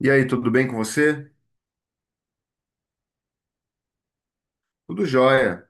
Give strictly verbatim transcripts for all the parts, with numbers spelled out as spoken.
E aí, tudo bem com você? Tudo jóia.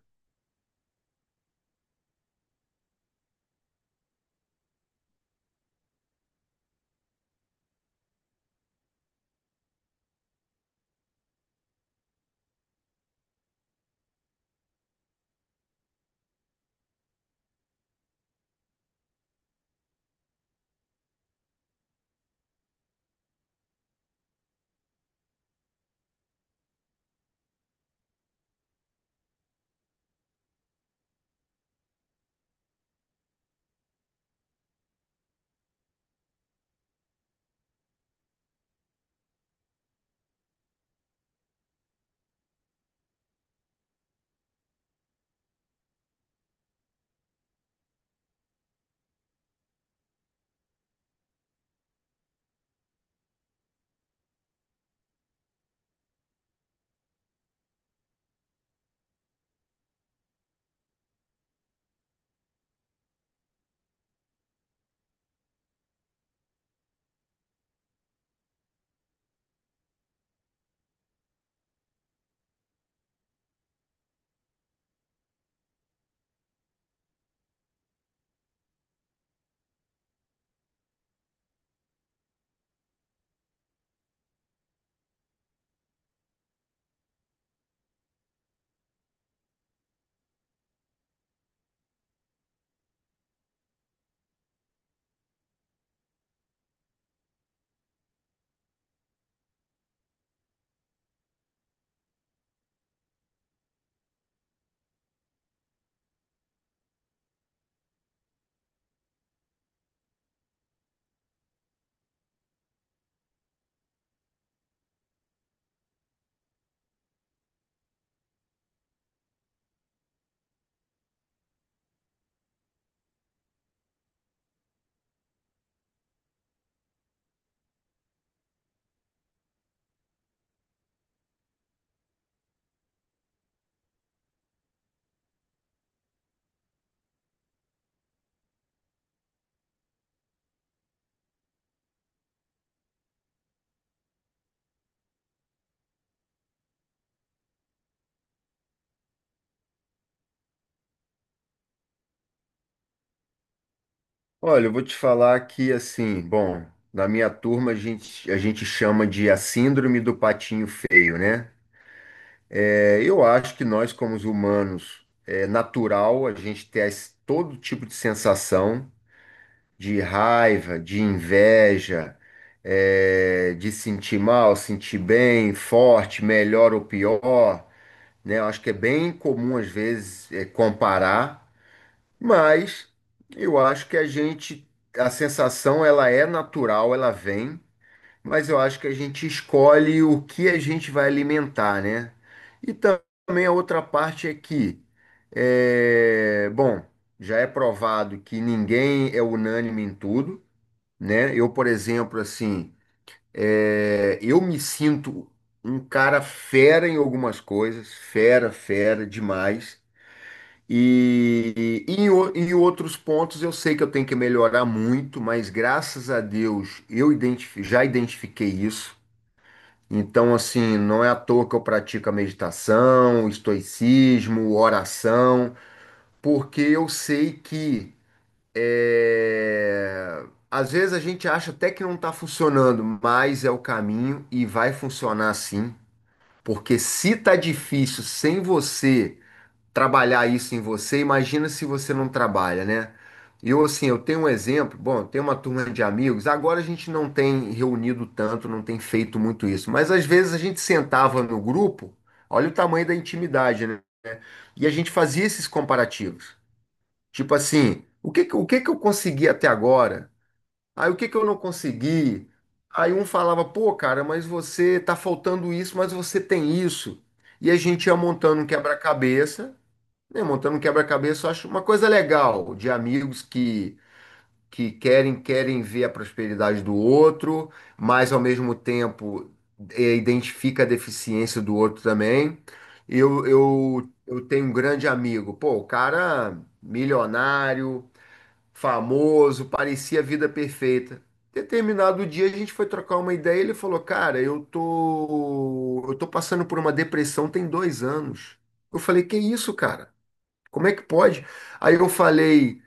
Olha, eu vou te falar que, assim, bom, na minha turma a gente, a gente chama de a síndrome do patinho feio, né? É, eu acho que nós, como os humanos, é natural a gente ter as- todo tipo de sensação de raiva, de inveja, é, de sentir mal, sentir bem, forte, melhor ou pior, né? Eu acho que é bem comum, às vezes, é, comparar. Mas eu acho que a gente, a sensação ela é natural, ela vem, mas eu acho que a gente escolhe o que a gente vai alimentar, né? E também a outra parte é que, é, bom, já é provado que ninguém é unânime em tudo, né? Eu, por exemplo, assim, é, eu me sinto um cara fera em algumas coisas, fera, fera demais. E, e em, o- em outros pontos eu sei que eu tenho que melhorar muito, mas graças a Deus eu identifi- já identifiquei isso. Então, assim, não é à toa que eu pratico a meditação, o estoicismo, oração, porque eu sei que é, às vezes a gente acha até que não está funcionando, mas é o caminho e vai funcionar sim. Porque se tá difícil sem você trabalhar isso em você, imagina se você não trabalha, né? Eu, assim, eu tenho um exemplo, bom, eu tenho uma turma de amigos, agora a gente não tem reunido tanto, não tem feito muito isso, mas às vezes a gente sentava no grupo, olha o tamanho da intimidade, né? E a gente fazia esses comparativos. Tipo assim, o que, que- o que que eu consegui até agora? Aí o que que eu não consegui? Aí um falava, pô, cara, mas você tá faltando isso, mas você tem isso. E a gente ia montando um quebra-cabeça, né, montando um quebra-cabeça, eu acho uma coisa legal de amigos que, que querem querem ver a prosperidade do outro, mas ao mesmo tempo eh, identifica a deficiência do outro também. Eu, eu, eu tenho um grande amigo, pô, o cara milionário, famoso, parecia a vida perfeita. Determinado dia a gente foi trocar uma ideia, e ele falou, cara, eu tô, eu tô passando por uma depressão tem dois anos. Eu falei, que isso, cara? Como é que pode? Aí eu falei,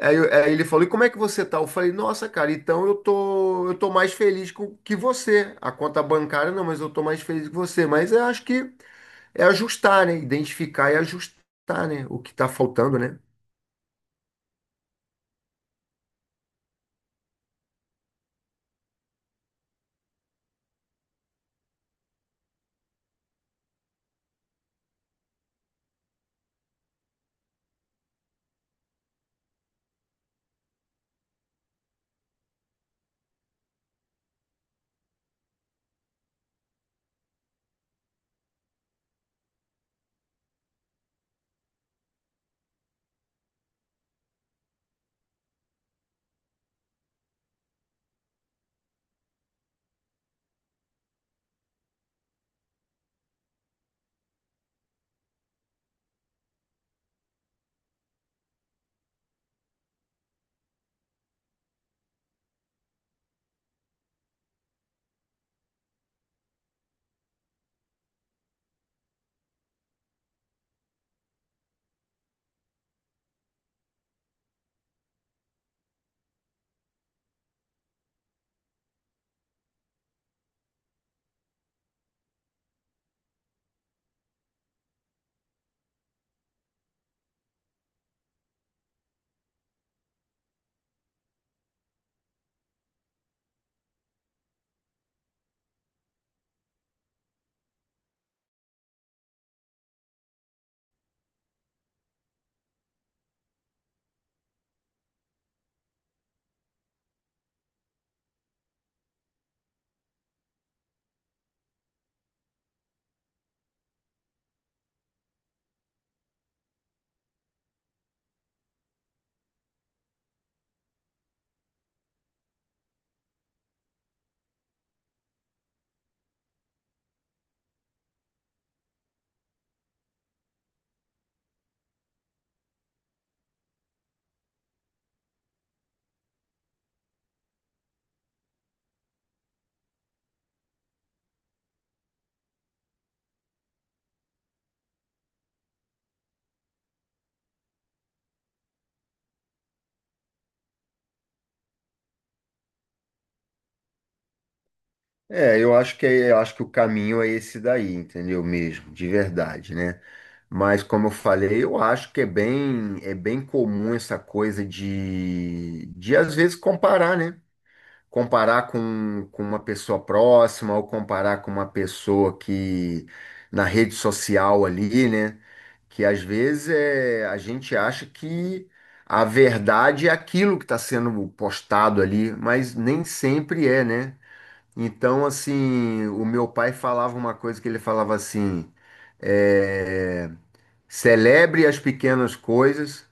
aí, eu- aí ele falou, e como é que você tá? Eu falei, nossa, cara, então eu tô, eu tô mais feliz com, que você. A conta bancária não, mas eu tô mais feliz que você. Mas eu acho que é ajustar, né? Identificar e ajustar, né? O que tá faltando, né? É, eu acho que é- eu acho que o caminho é esse daí, entendeu mesmo, de verdade, né? Mas como eu falei, eu acho que é bem é bem comum essa coisa de de às vezes comparar, né? Comparar com, com uma pessoa próxima ou comparar com uma pessoa que na rede social ali, né? Que às vezes é, a gente acha que a verdade é aquilo que está sendo postado ali, mas nem sempre é, né? Então, assim, o meu pai falava uma coisa que ele falava assim, é, celebre as pequenas coisas,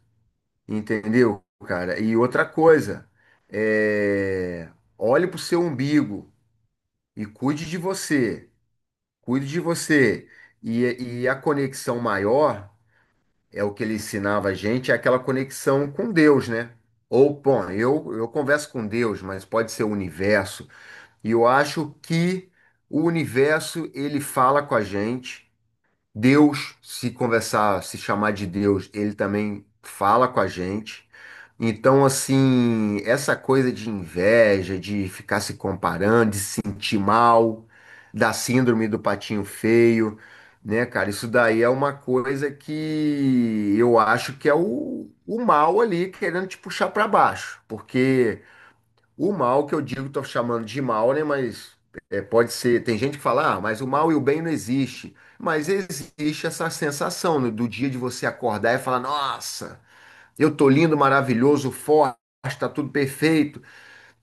entendeu, cara? E outra coisa, é... olhe pro seu umbigo e cuide de você. Cuide de você. E, e a conexão maior é o que ele ensinava a gente, é aquela conexão com Deus, né? Ou, bom, eu, eu converso com Deus, mas pode ser o universo. E eu acho que o universo, ele fala com a gente. Deus, se conversar, se chamar de Deus, ele também fala com a gente. Então, assim, essa coisa de inveja, de ficar se comparando, de se sentir mal, da síndrome do patinho feio, né, cara? Isso daí é uma coisa que eu acho que é o, o mal ali querendo te puxar para baixo. Porque o mal que eu digo, estou chamando de mal, né? Mas é, pode ser. Tem gente que fala, ah, mas o mal e o bem não existe. Mas existe essa sensação, né, do dia de você acordar e falar, nossa, eu tô lindo, maravilhoso, forte, tá tudo perfeito.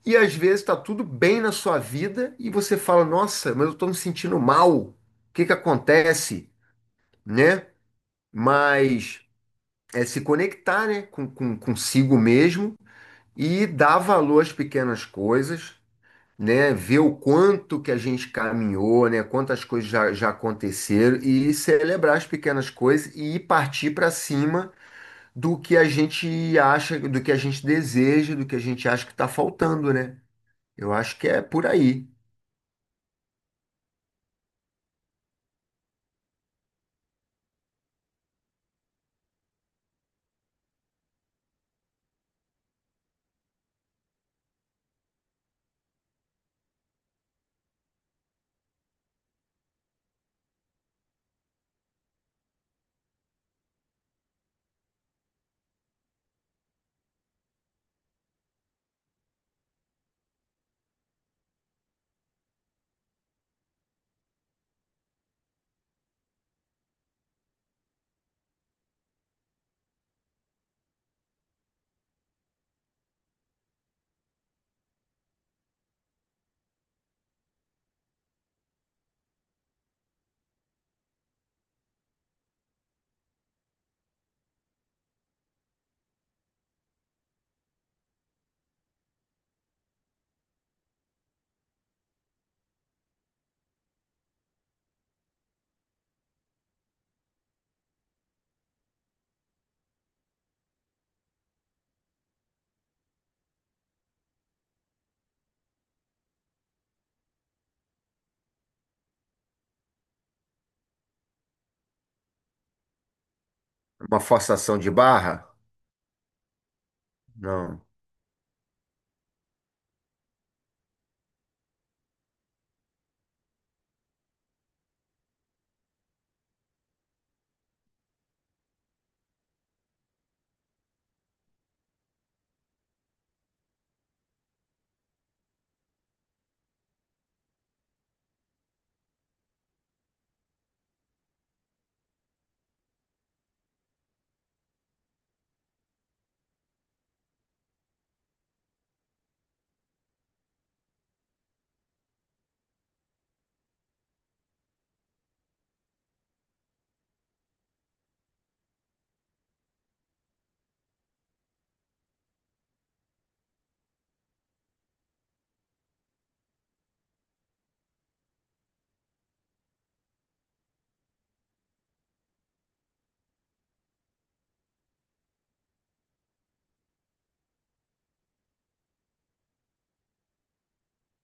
E às vezes tá tudo bem na sua vida e você fala, nossa, mas eu tô me sentindo mal. O que que acontece, né? Mas é se conectar, né, com, com, consigo mesmo e dar valor às pequenas coisas, né, ver o quanto que a gente caminhou, né, quantas coisas já, já aconteceram e celebrar as pequenas coisas e partir para cima do que a gente acha, do que a gente deseja, do que a gente acha que está faltando, né? Eu acho que é por aí. Uma forçação de barra? Não,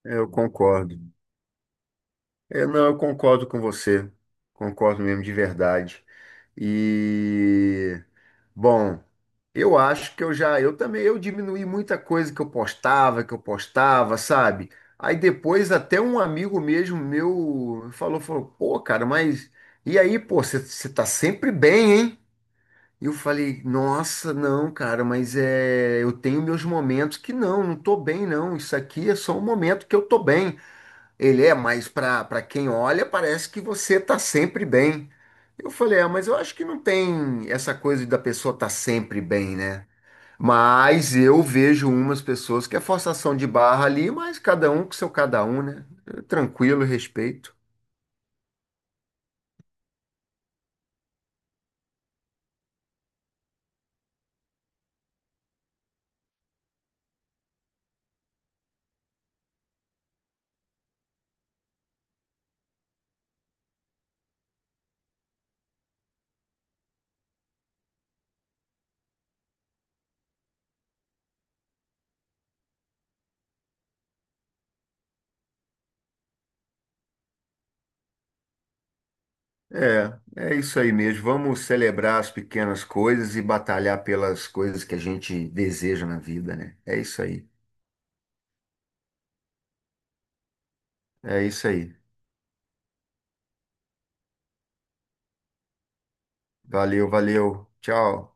eu concordo. Eu não, eu concordo com você. Concordo mesmo de verdade. E bom, eu acho que eu já, eu também, eu diminuí muita coisa que eu postava, que eu postava, sabe? Aí depois até um amigo mesmo meu falou, falou, pô, cara, mas e aí, pô, você tá sempre bem, hein? E eu falei, nossa, não, cara, mas é, eu tenho meus momentos que não, não tô bem, não. Isso aqui é só um momento que eu tô bem. Ele é, mas para para quem olha, parece que você tá sempre bem. Eu falei, ah, mas eu acho que não tem essa coisa da pessoa estar tá sempre bem, né? Mas eu vejo umas pessoas que é forçação de barra ali, mas cada um com seu cada um, né? Tranquilo, respeito. É, é isso aí mesmo. Vamos celebrar as pequenas coisas e batalhar pelas coisas que a gente deseja na vida, né? É isso aí. É isso aí. Valeu, valeu. Tchau.